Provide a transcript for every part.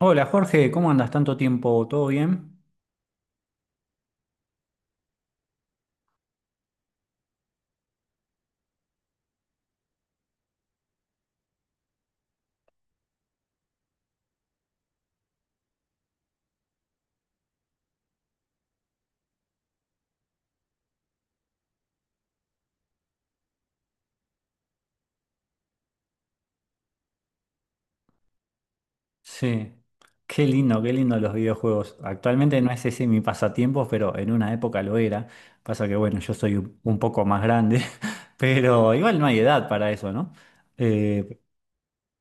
Hola Jorge, ¿cómo andas? ¿Tanto tiempo? ¿Todo bien? Sí, qué lindo los videojuegos. Actualmente no es ese mi pasatiempo, pero en una época lo era. Pasa que bueno, yo soy un poco más grande, pero igual no hay edad para eso, ¿no? Eh,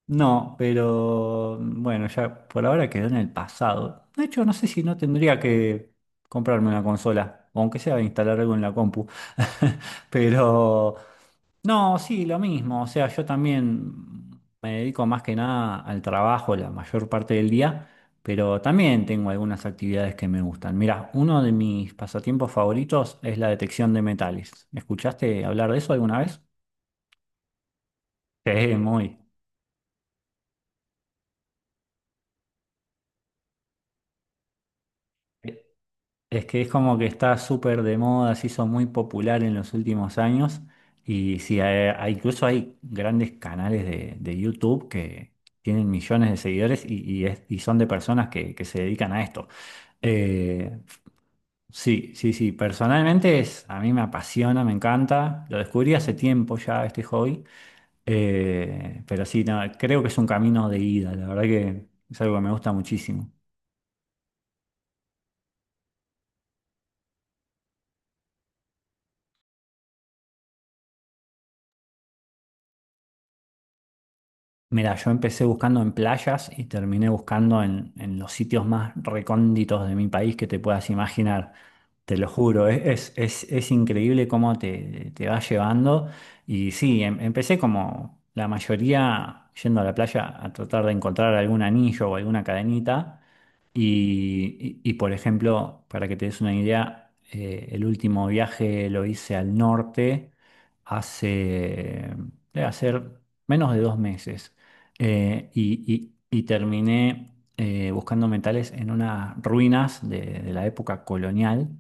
no, pero bueno, ya por ahora quedó en el pasado. De hecho, no sé si no tendría que comprarme una consola, aunque sea instalar algo en la compu. Pero no, sí, lo mismo. O sea, yo también me dedico más que nada al trabajo la mayor parte del día, pero también tengo algunas actividades que me gustan. Mira, uno de mis pasatiempos favoritos es la detección de metales. ¿Escuchaste hablar de eso alguna vez? Sí, muy. Es que es como que está súper de moda, se hizo muy popular en los últimos años y sí, incluso hay grandes canales de YouTube que tienen millones de seguidores y, y son de personas que se dedican a esto. Eh, sí, sí, sí, personalmente es, a mí me apasiona, me encanta, lo descubrí hace tiempo ya este hobby, pero sí, no, creo que es un camino de ida, la verdad que es algo que me gusta muchísimo. Mira, yo empecé buscando en playas y terminé buscando en los sitios más recónditos de mi país que te puedas imaginar. Te lo juro, es, es increíble cómo te, te va llevando. Y sí, empecé como la mayoría yendo a la playa a tratar de encontrar algún anillo o alguna cadenita. Y, por ejemplo, para que te des una idea, el último viaje lo hice al norte hace, debe hacer menos de 2 meses. Y, y terminé buscando metales en unas ruinas de la época colonial,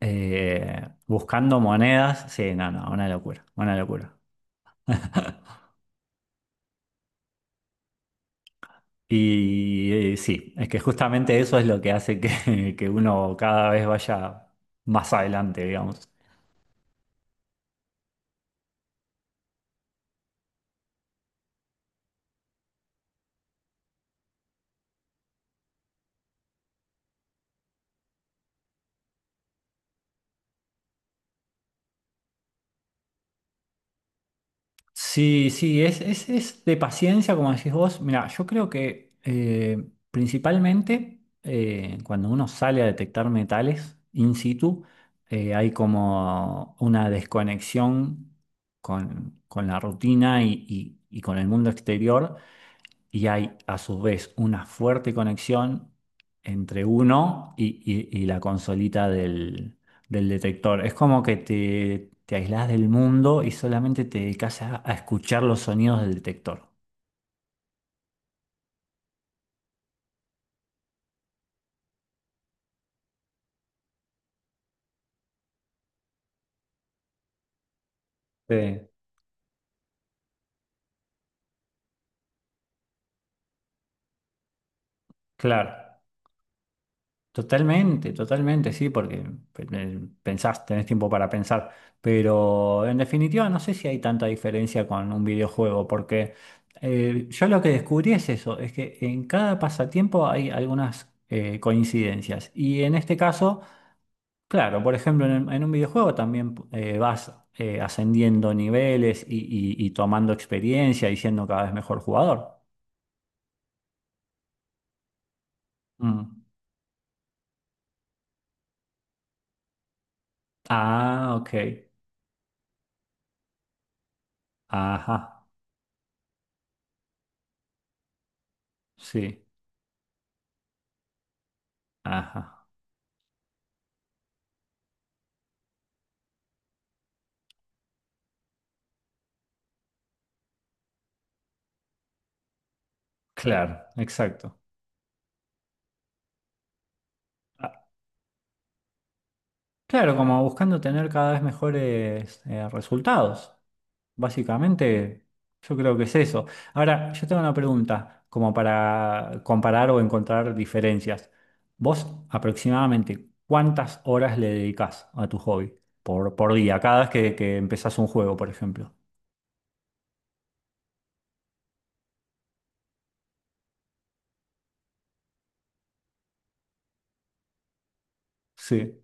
buscando monedas. Sí, no, no, una locura, una locura. Y sí, es que justamente eso es lo que hace que, que uno cada vez vaya más adelante, digamos. Sí, sí, es de paciencia, como decís vos. Mira, yo creo que principalmente cuando uno sale a detectar metales in situ, hay como una desconexión con la rutina y, y con el mundo exterior y hay a su vez una fuerte conexión entre uno y, y la consolita del, del detector. Es como que te aislás del mundo y solamente te dedicas a escuchar los sonidos del detector. Sí, claro. Totalmente, totalmente, sí, porque pensás, tenés tiempo para pensar, pero en definitiva no sé si hay tanta diferencia con un videojuego, porque yo lo que descubrí es eso, es que en cada pasatiempo hay algunas coincidencias, y en este caso, claro, por ejemplo, en un videojuego también vas ascendiendo niveles y, y tomando experiencia y siendo cada vez mejor jugador. Mm. Ah, ok, ajá, sí, ajá. Claro, exacto. Ah, claro, como buscando tener cada vez mejores resultados. Básicamente, yo creo que es eso. Ahora, yo tengo una pregunta, como para comparar o encontrar diferencias. ¿Vos aproximadamente cuántas horas le dedicás a tu hobby por día, cada vez que empezás un juego, por ejemplo? Sí,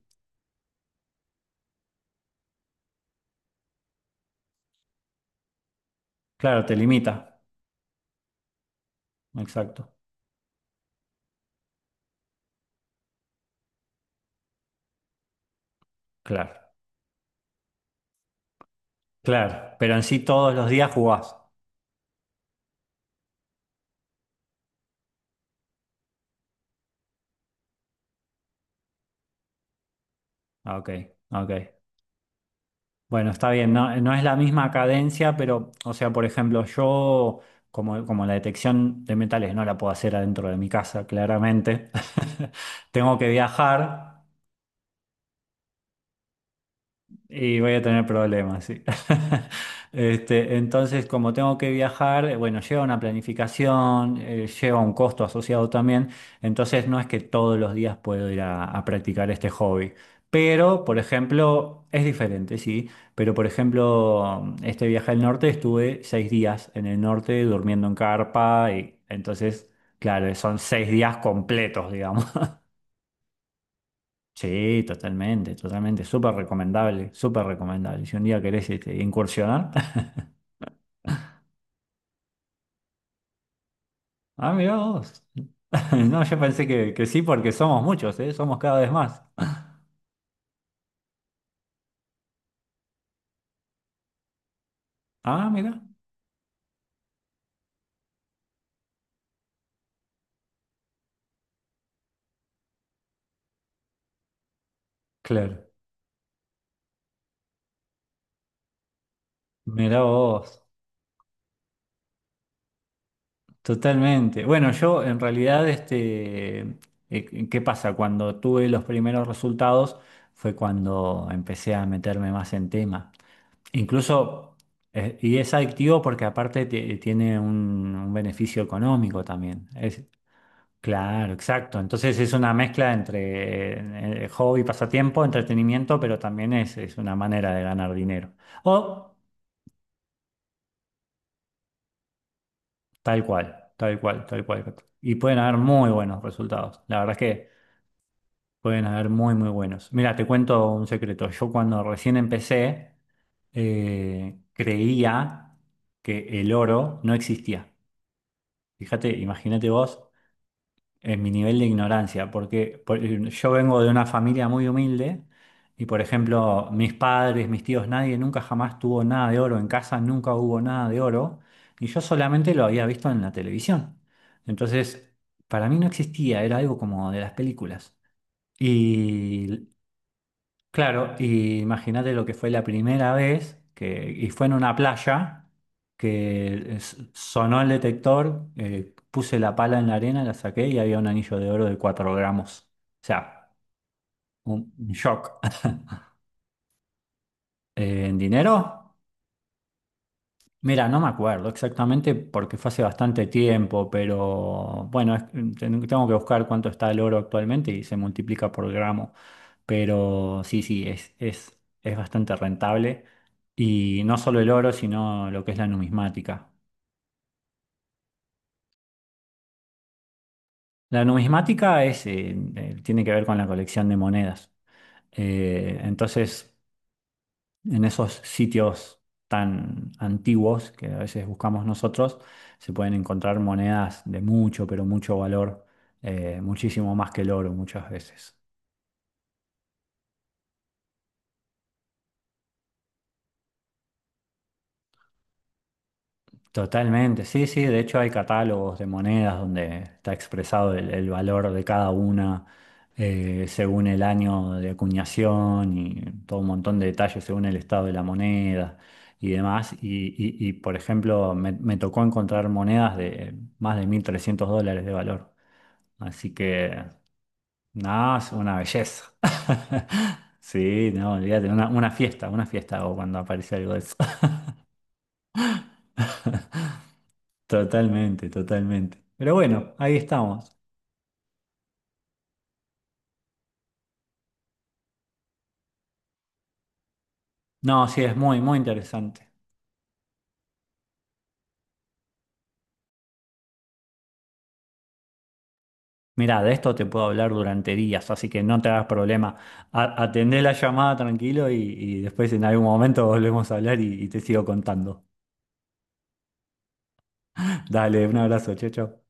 claro, te limita. Exacto. Claro, claro. Pero en sí todos los días jugás. Ah, ok, ok. Bueno, está bien, no, no es la misma cadencia, pero, o sea, por ejemplo, yo, como, como la detección de metales no la puedo hacer adentro de mi casa, claramente, tengo que viajar. Y voy a tener problemas, sí. Este, entonces, como tengo que viajar, bueno, lleva una planificación, lleva un costo asociado también, entonces no es que todos los días puedo ir a practicar este hobby. Pero, por ejemplo, es diferente, sí, pero por ejemplo, este viaje al norte estuve 6 días en el norte durmiendo en carpa y entonces, claro, son 6 días completos, digamos. Sí, totalmente, totalmente. Súper recomendable, súper recomendable. Si un día querés este, incursionar. Ah, mirá vos. No, yo pensé que sí porque somos muchos, ¿eh? Somos cada vez más. Ah, mira, claro. Mirá vos. Totalmente. Bueno, yo en realidad, este, ¿qué pasa? Cuando tuve los primeros resultados fue cuando empecé a meterme más en tema. Incluso, y es adictivo porque aparte tiene un beneficio económico también. Es, claro, exacto. Entonces es una mezcla entre hobby, pasatiempo, entretenimiento, pero también es una manera de ganar dinero. O tal cual, tal cual, tal cual. Y pueden haber muy buenos resultados. La verdad es que pueden haber muy, muy buenos. Mira, te cuento un secreto. Yo cuando recién empecé, creía que el oro no existía. Fíjate, imagínate vos en mi nivel de ignorancia, porque yo vengo de una familia muy humilde y, por ejemplo, mis padres, mis tíos, nadie nunca jamás tuvo nada de oro, en casa nunca hubo nada de oro y yo solamente lo había visto en la televisión. Entonces, para mí no existía, era algo como de las películas. Y claro, y imagínate lo que fue la primera vez que, y fue en una playa que sonó el detector, puse la pala en la arena, la saqué y había un anillo de oro de 4 gramos. O sea, un shock. ¿En dinero? Mira, no me acuerdo exactamente porque fue hace bastante tiempo, pero bueno, tengo que buscar cuánto está el oro actualmente y se multiplica por gramo. Pero sí, sí, es bastante rentable. Y no solo el oro, sino lo que es la numismática. La numismática es, tiene que ver con la colección de monedas. Entonces, en esos sitios tan antiguos que a veces buscamos nosotros, se pueden encontrar monedas de mucho, pero mucho valor, muchísimo más que el oro muchas veces. Totalmente, sí, sí, de hecho hay catálogos de monedas donde está expresado el valor de cada una según el año de acuñación y todo un montón de detalles según el estado de la moneda y demás. Y, por ejemplo, me tocó encontrar monedas de más de $1.300 de valor. Así que, nada, es una belleza. Sí, no, olvídate, una fiesta hago cuando aparece algo de eso. Totalmente, totalmente. Pero bueno, ahí estamos. No, sí, es muy, muy interesante. Mirá, de esto te puedo hablar durante días, así que no te hagas problema. Atendé la llamada tranquilo y después en algún momento volvemos a hablar y te sigo contando. Dale, un abrazo, chao, chao.